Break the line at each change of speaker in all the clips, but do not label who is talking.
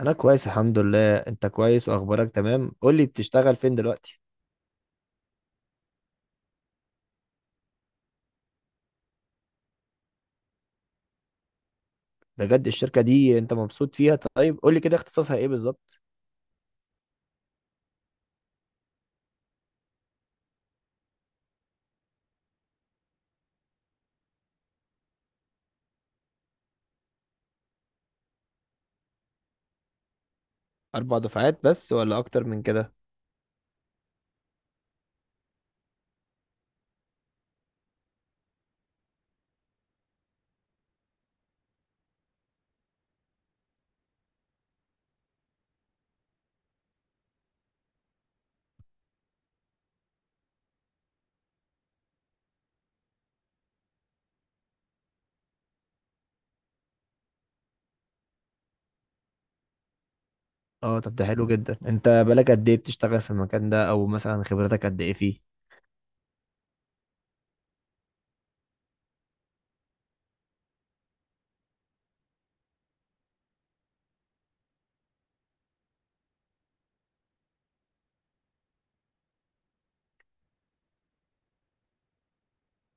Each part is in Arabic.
انا كويس الحمد لله. انت كويس واخبارك تمام؟ قول لي بتشتغل فين دلوقتي. بجد الشركة دي انت مبسوط فيها؟ طيب قول لي كده اختصاصها ايه بالظبط. اربع دفعات بس ولا اكتر من كده؟ اه، طب ده حلو جدا. انت بقالك قد ايه بتشتغل في المكان ده، او مثلا خبرتك قد ايه فيه؟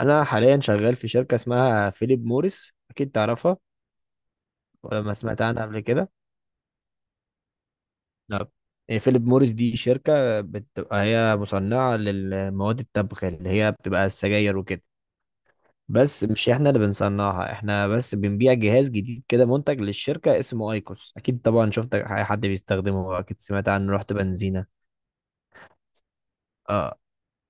انا حاليا شغال في شركة اسمها فيليب موريس، اكيد تعرفها ولا ما سمعت عنها قبل كده؟ لا. إيه، فيليب موريس دي شركة بتبقى هي مصنعة للمواد التبغ اللي هي بتبقى السجاير وكده. بس مش احنا اللي بنصنعها، احنا بس بنبيع جهاز جديد كده منتج للشركة اسمه ايكوس. اكيد طبعا شفت اي حد بيستخدمه، اكيد سمعت عنه، رحت بنزينة. اه،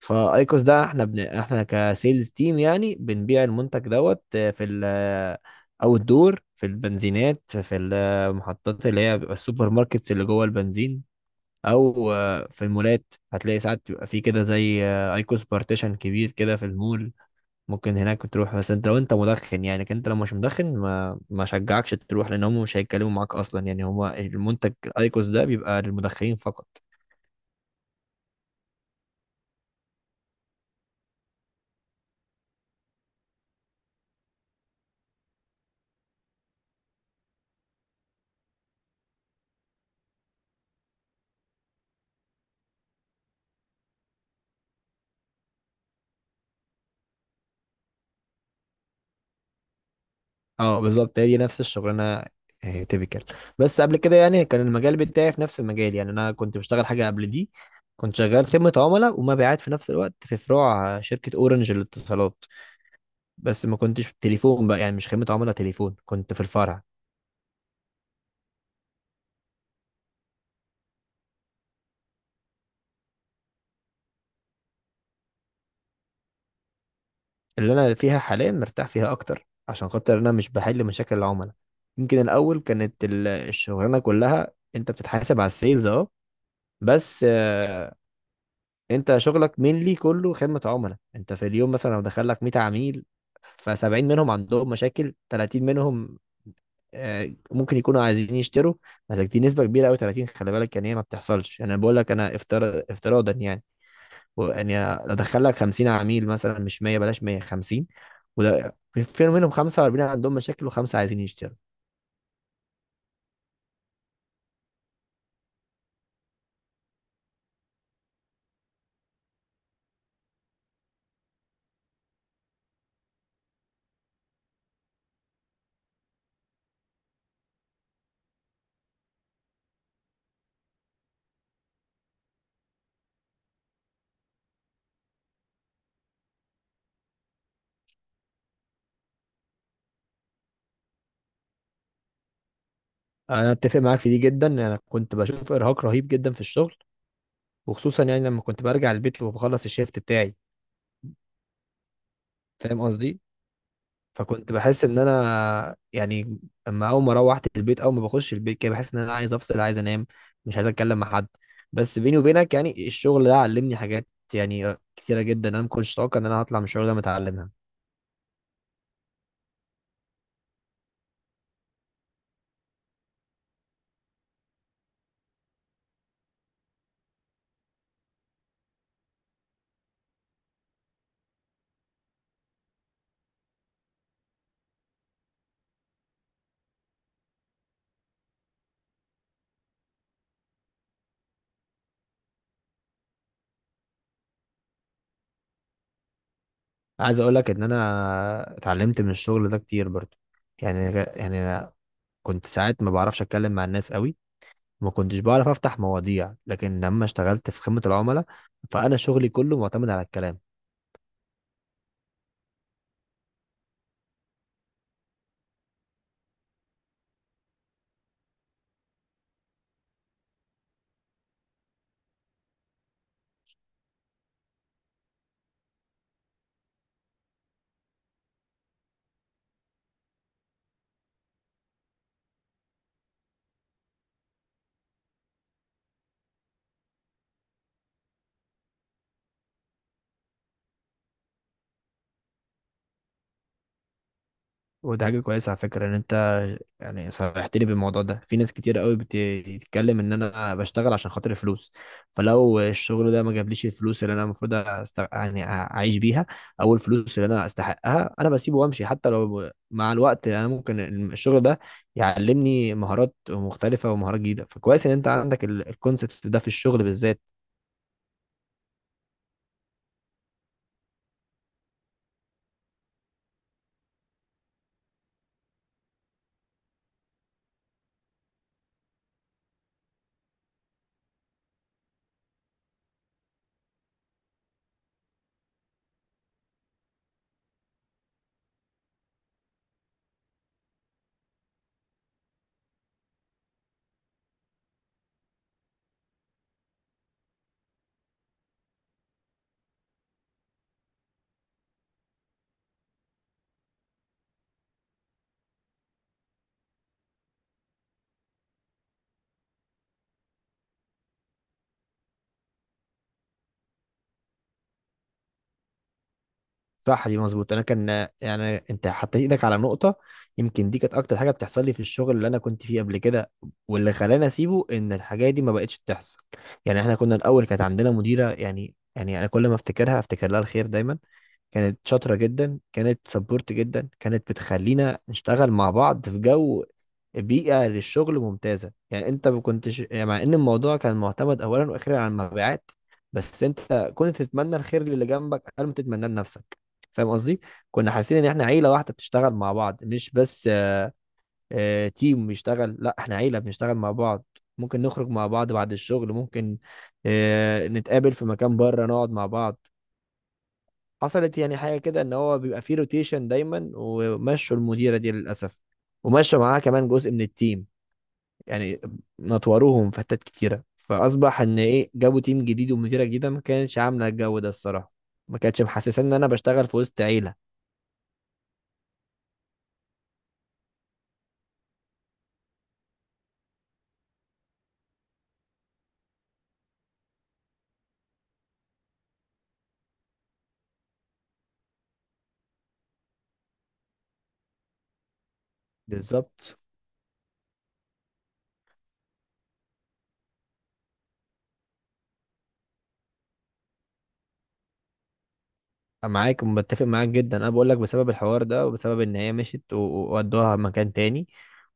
فايكوس ده احنا احنا كسيلز تيم يعني بنبيع المنتج دوت في ال او الدور في البنزينات، في المحطات اللي هي بيبقى السوبر ماركتس اللي جوه البنزين، او في المولات. هتلاقي ساعات بيبقى في كده زي ايكوس بارتيشن كبير كده في المول. ممكن هناك تروح، بس انت لو انت مدخن يعني، لكن انت لو مش مدخن ما شجعكش تروح، لان هم مش هيتكلموا معاك اصلا. يعني هو المنتج الايكوس ده بيبقى للمدخنين فقط. اه، بالظبط هي دي نفس الشغلانه، تيبيكال. بس قبل كده يعني كان المجال بتاعي في نفس المجال، يعني انا كنت بشتغل حاجه قبل دي. كنت شغال خدمه عملاء ومبيعات في نفس الوقت في فروع شركه اورنج للاتصالات، بس ما كنتش في التليفون بقى، يعني مش خدمه عملاء تليفون، كنت في الفرع. اللي انا فيها حاليا مرتاح فيها اكتر، عشان خاطر انا مش بحل مشاكل العملاء. يمكن الاول كانت الشغلانه كلها انت بتتحاسب على السيلز، اه. بس انت شغلك مينلي كله خدمه عملاء. انت في اليوم مثلا لو دخل لك 100 عميل، ف70 منهم عندهم مشاكل، 30 منهم ممكن يكونوا عايزين يشتروا. بس دي نسبه كبيره قوي، 30، خلي بالك يعني، هي ما بتحصلش. يعني انا بقول لك انا افتراضا يعني. يعني ادخل لك 50 عميل مثلا، مش 100، بلاش 150، وده في منهم 45 عندهم مشاكل وخمسه عايزين يشتروا. انا اتفق معاك في دي جدا. انا كنت بشوف ارهاق رهيب جدا في الشغل، وخصوصا يعني لما كنت برجع البيت وبخلص الشيفت بتاعي، فاهم قصدي. فكنت بحس ان انا يعني، اما اول ما روحت البيت، اول ما بخش البيت كده بحس ان انا عايز افصل، عايز انام، مش عايز اتكلم مع حد. بس بيني وبينك يعني الشغل ده علمني حاجات يعني كتيره جدا، انا ما كنتش اتوقع ان انا هطلع من الشغل ده متعلمها. عايز اقول لك ان انا اتعلمت من الشغل ده كتير برضو. يعني أنا كنت ساعات ما بعرفش اتكلم مع الناس قوي، وما كنتش بعرف افتح مواضيع، لكن لما اشتغلت في خدمة العملاء، فانا شغلي كله معتمد على الكلام. وده حاجة كويسة على فكرة، ان انت يعني صرحت لي بالموضوع ده. في ناس كتير قوي بتتكلم ان انا بشتغل عشان خاطر الفلوس، فلو الشغل ده ما جابليش الفلوس اللي انا المفروض يعني اعيش بيها، او الفلوس اللي انا استحقها، انا بسيبه وامشي. حتى لو مع الوقت انا ممكن الشغل ده يعلمني مهارات مختلفة ومهارات جديدة، فكويس ان انت عندك الكونسبت ده في الشغل بالذات. صح، دي مظبوط. انا كان يعني انت حطيت ايدك على نقطه، يمكن دي كانت اكتر حاجه بتحصل لي في الشغل اللي انا كنت فيه قبل كده، واللي خلاني اسيبه ان الحاجات دي ما بقتش تحصل. يعني احنا كنا الاول كانت عندنا مديره، يعني انا كل ما افتكرها افتكر لها الخير دايما. كانت شاطرة جدا، كانت سبورت جدا، كانت بتخلينا نشتغل مع بعض في جو بيئة للشغل ممتازة. يعني انت ما كنتش يعني، مع ان الموضوع كان معتمد اولا واخيرا على المبيعات، بس انت كنت تتمنى الخير للي جنبك قبل ما تتمناه لنفسك، فاهم قصدي؟ كنا حاسين ان احنا عيلة واحدة بتشتغل مع بعض، مش بس تيم بيشتغل، لا، احنا عيلة بنشتغل مع بعض. ممكن نخرج مع بعض بعد الشغل، ممكن نتقابل في مكان بره نقعد مع بعض. حصلت يعني حاجه كده، ان هو بيبقى فيه روتيشن دايما، ومشوا المديره دي للاسف، ومشوا معاها كمان جزء من التيم، يعني نطوروهم في حتت كتيره، فاصبح ان ايه، جابوا تيم جديد ومديره جديده ما كانتش عامله الجو ده الصراحه، ما كانتش محسسه ان انا بشتغل في وسط عيله. بالظبط، معاك ومتفق معاك جدا. انا بقول لك بسبب الحوار ده، وبسبب ان هي مشيت وودوها مكان تاني،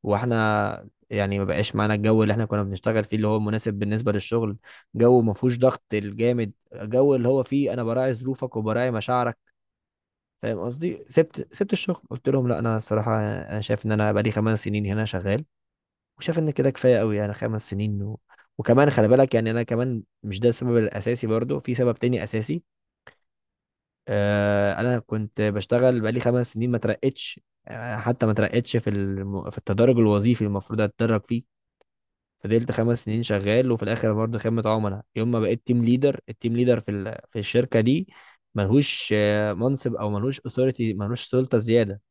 واحنا يعني ما بقاش معانا الجو اللي احنا كنا بنشتغل فيه، اللي هو مناسب بالنسبه للشغل. جو ما فيهوش ضغط الجامد، جو اللي هو فيه انا براعي ظروفك وبراعي مشاعرك، فاهم قصدي. سبت الشغل، قلت لهم لا انا الصراحه انا شايف ان انا بقالي خمس سنين هنا شغال، وشايف ان كده كفايه قوي، يعني خمس سنين وكمان خلي بالك يعني انا كمان مش ده السبب الاساسي، برضو في سبب تاني اساسي. انا كنت بشتغل بقالي خمس سنين ما ترقتش، حتى ما ترقتش في في التدرج الوظيفي اللي المفروض اتدرج فيه. فضلت خمس سنين شغال وفي الاخر برضه خدمة عملاء. يوم ما بقيت تيم ليدر، التيم ليدر في في الشركة دي ملهوش منصب، او ملهوش اوثوريتي، ملهوش سلطة زيادة.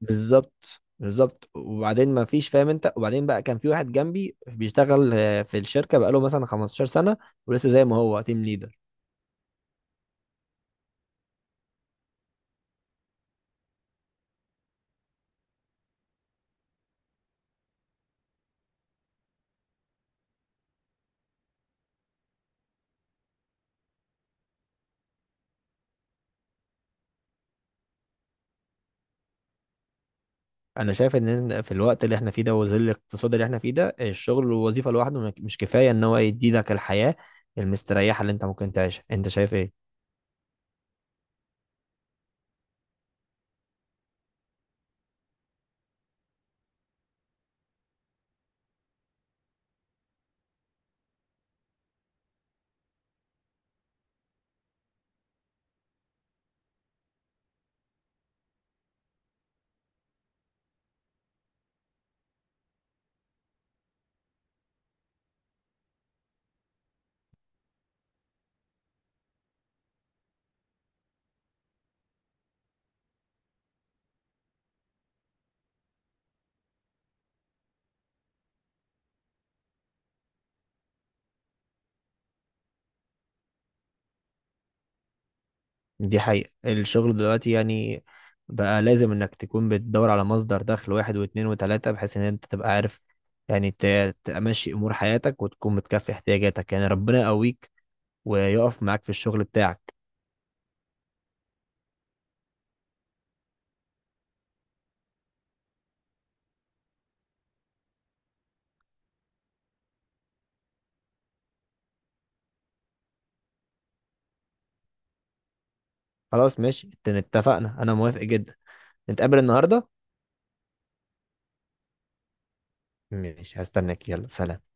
بالظبط بالظبط، وبعدين ما فيش، فاهم انت؟ وبعدين بقى كان في واحد جنبي بيشتغل في الشركة بقاله مثلا 15 سنة، ولسه زي ما هو تيم ليدر. انا شايف ان في الوقت اللي احنا فيه ده وظل الاقتصاد اللي احنا فيه ده، الشغل والوظيفه لوحده مش كفايه ان هو يدي لك الحياه المستريحه اللي انت ممكن تعيشها. انت شايف ايه؟ دي حقيقه الشغل دلوقتي يعني. بقى لازم انك تكون بتدور على مصدر دخل واحد واثنين وثلاثه، بحيث ان انت تبقى عارف يعني تمشي امور حياتك وتكون متكفي احتياجاتك. يعني ربنا يقويك ويقف معاك في الشغل بتاعك. خلاص ماشي، اتفقنا، انا موافق جدا. نتقابل النهارده. ماشي، هستناك، يلا سلام.